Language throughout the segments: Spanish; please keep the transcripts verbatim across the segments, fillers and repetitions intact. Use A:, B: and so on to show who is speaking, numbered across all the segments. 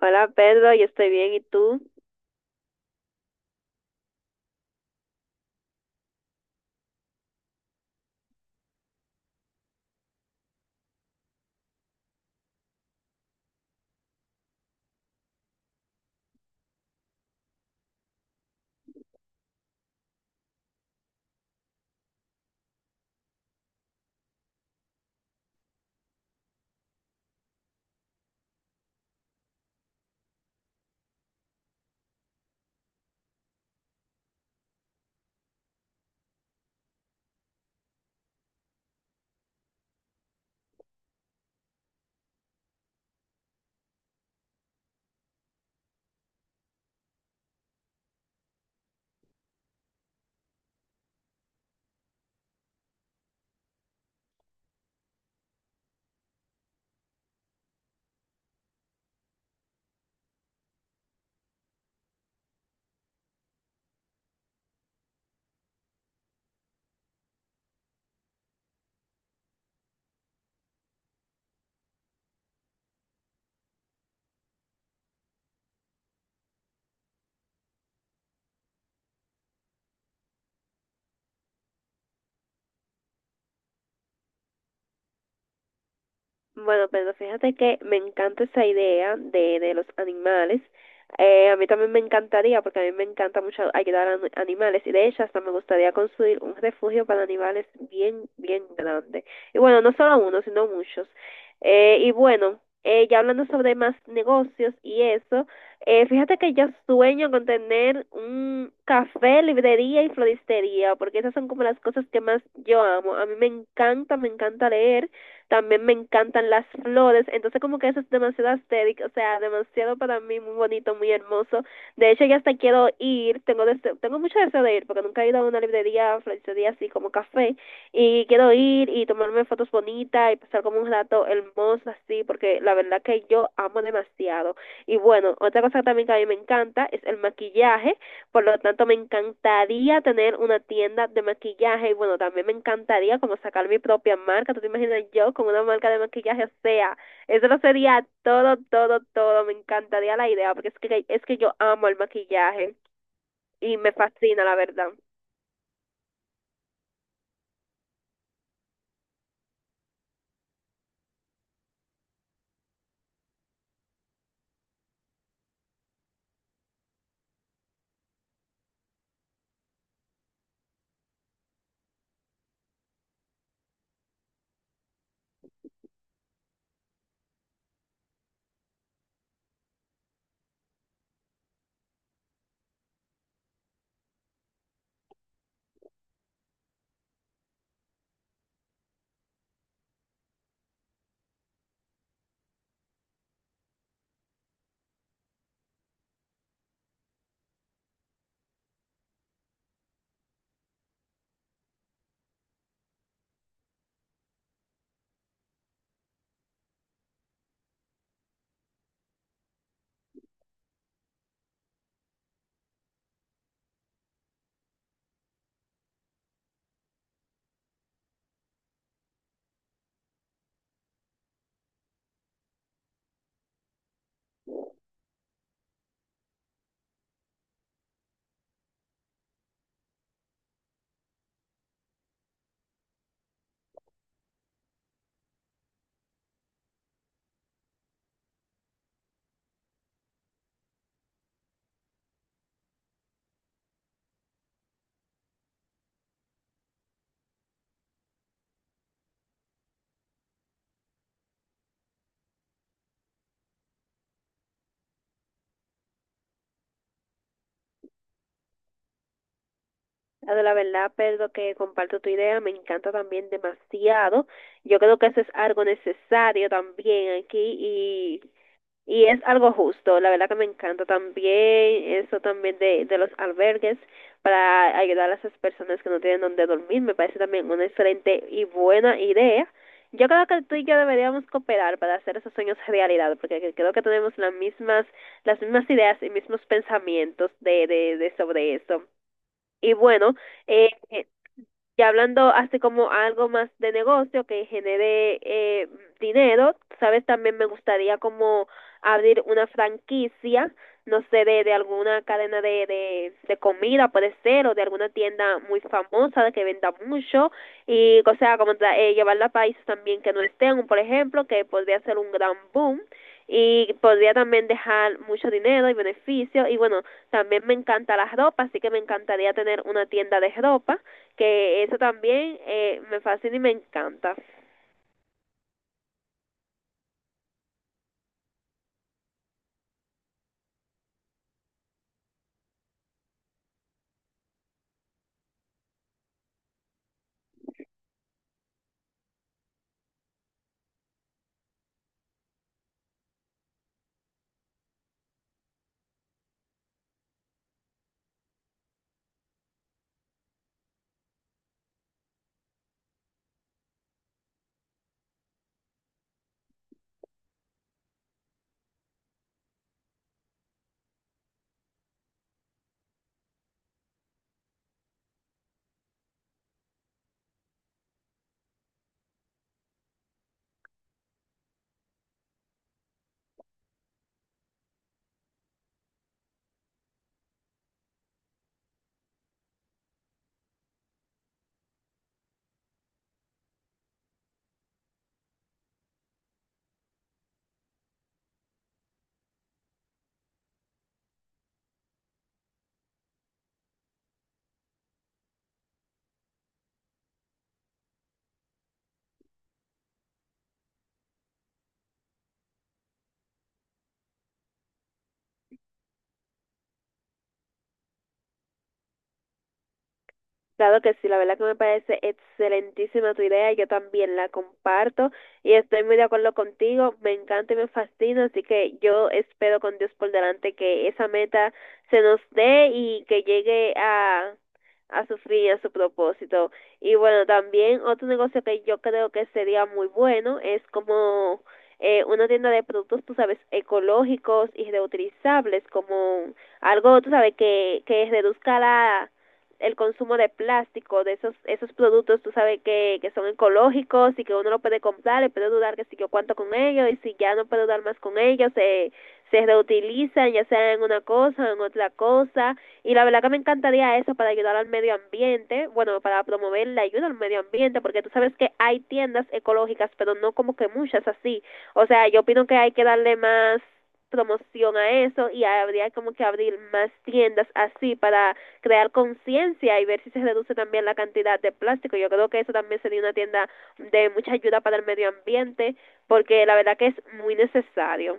A: Hola Pedro, yo estoy bien, ¿y tú? Bueno, Pedro, fíjate que me encanta esa idea de, de los animales. Eh, a mí también me encantaría, porque a mí me encanta mucho ayudar a ani- animales. Y de hecho, hasta me gustaría construir un refugio para animales bien, bien grande. Y bueno, no solo uno, sino muchos. Eh, y bueno, eh, ya hablando sobre más negocios y eso, eh, fíjate que yo sueño con tener un café, librería y floristería, porque esas son como las cosas que más yo amo. A mí me encanta, me encanta leer, también me encantan las flores, entonces como que eso es demasiado estético, o sea, demasiado para mí, muy bonito, muy hermoso. De hecho, ya hasta quiero ir, tengo deseo, tengo mucho deseo de ir, porque nunca he ido a una librería, floristería así como café, y quiero ir y tomarme fotos bonitas y pasar como un rato hermoso así, porque la verdad que yo amo demasiado. Y bueno, otra cosa también que a mí me encanta es el maquillaje, por lo tanto, me encantaría tener una tienda de maquillaje y bueno, también me encantaría como sacar mi propia marca. ¿Tú te imaginas yo con una marca de maquillaje? O sea, eso lo sería todo, todo, todo. Me encantaría la idea porque es que, es que yo amo el maquillaje y me fascina, la verdad. La de la verdad, Pedro, que comparto tu idea, me encanta también demasiado. Yo creo que eso es algo necesario también aquí, y Y es algo justo, la verdad que me encanta también eso también de, de los albergues para ayudar a esas personas que no tienen donde dormir, me parece también una excelente y buena idea. Yo creo que tú y yo deberíamos cooperar para hacer esos sueños realidad, porque creo que tenemos las mismas, las mismas ideas y mismos pensamientos de, de, de sobre eso. Y bueno, eh, eh, ya hablando así como algo más de negocio que genere eh, dinero, sabes, también me gustaría como abrir una franquicia, no sé, de, de alguna cadena de, de, de comida puede ser, o de alguna tienda muy famosa que venda mucho, y o sea, como tra- eh, llevarla a países también que no estén, por ejemplo, que podría ser un gran boom. Y podría también dejar mucho dinero y beneficio. Y bueno, también me encanta la ropa, así que me encantaría tener una tienda de ropa, que eso también eh, me fascina y me encanta. Claro que sí, la verdad que me parece excelentísima tu idea, yo también la comparto y estoy muy de acuerdo contigo, me encanta y me fascina, así que yo espero con Dios por delante que esa meta se nos dé y que llegue a, a su fin y a su propósito. Y bueno, también otro negocio que yo creo que sería muy bueno es como eh, una tienda de productos, tú sabes, ecológicos y reutilizables, como algo, tú sabes, que, que reduzca la, el consumo de plástico, de esos esos productos, tú sabes que, que son ecológicos y que uno lo puede comprar y puede dudar que si yo cuánto con ellos y si ya no puedo dar más con ellos, se, se reutilizan ya sea en una cosa o en otra cosa, y la verdad que me encantaría eso para ayudar al medio ambiente, bueno, para promover la ayuda al medio ambiente, porque tú sabes que hay tiendas ecológicas pero no como que muchas así, o sea, yo opino que hay que darle más promoción a eso y habría como que abrir más tiendas así para crear conciencia y ver si se reduce también la cantidad de plástico. Yo creo que eso también sería una tienda de mucha ayuda para el medio ambiente, porque la verdad que es muy necesario.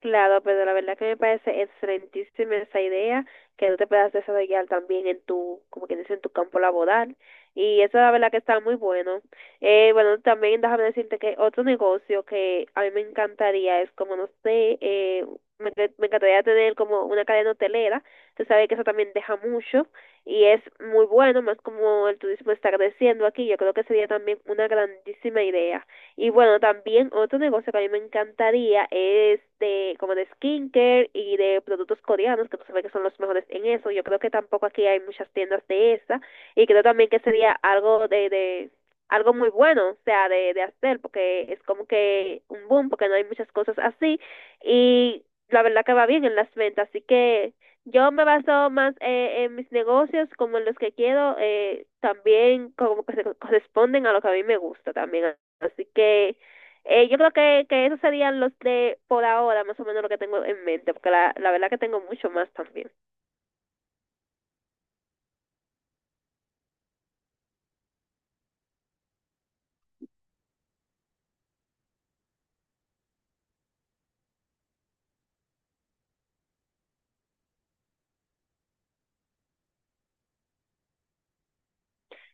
A: Claro, pero la verdad que me parece excelentísima esa idea, que tú te puedas desarrollar también en tu, como que dice, en tu campo laboral. Y eso la verdad que está muy bueno. Eh, bueno, también déjame decirte que otro negocio que a mí me encantaría es como, no sé, eh, me, enc- me encantaría tener como una cadena hotelera. Tú sabes que eso también deja mucho y es muy bueno, más como el turismo está creciendo aquí, yo creo que sería también una grandísima idea. Y bueno, también otro negocio que a mí me encantaría es de como de skincare y de productos coreanos, que tú sabes que son los mejores en eso. Yo creo que tampoco aquí hay muchas tiendas de esa, y creo también que sería algo de, de algo muy bueno, o sea, de, de hacer, porque es como que un boom, porque no hay muchas cosas así y la verdad que va bien en las ventas, así que yo me baso más eh, en mis negocios como en los que quiero, eh, también como que se corresponden a lo que a mí me gusta también. Así que eh, yo creo que, que esos serían los de por ahora, más o menos lo que tengo en mente, porque la, la verdad que tengo mucho más también.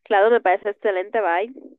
A: Claro, me parece excelente, bye.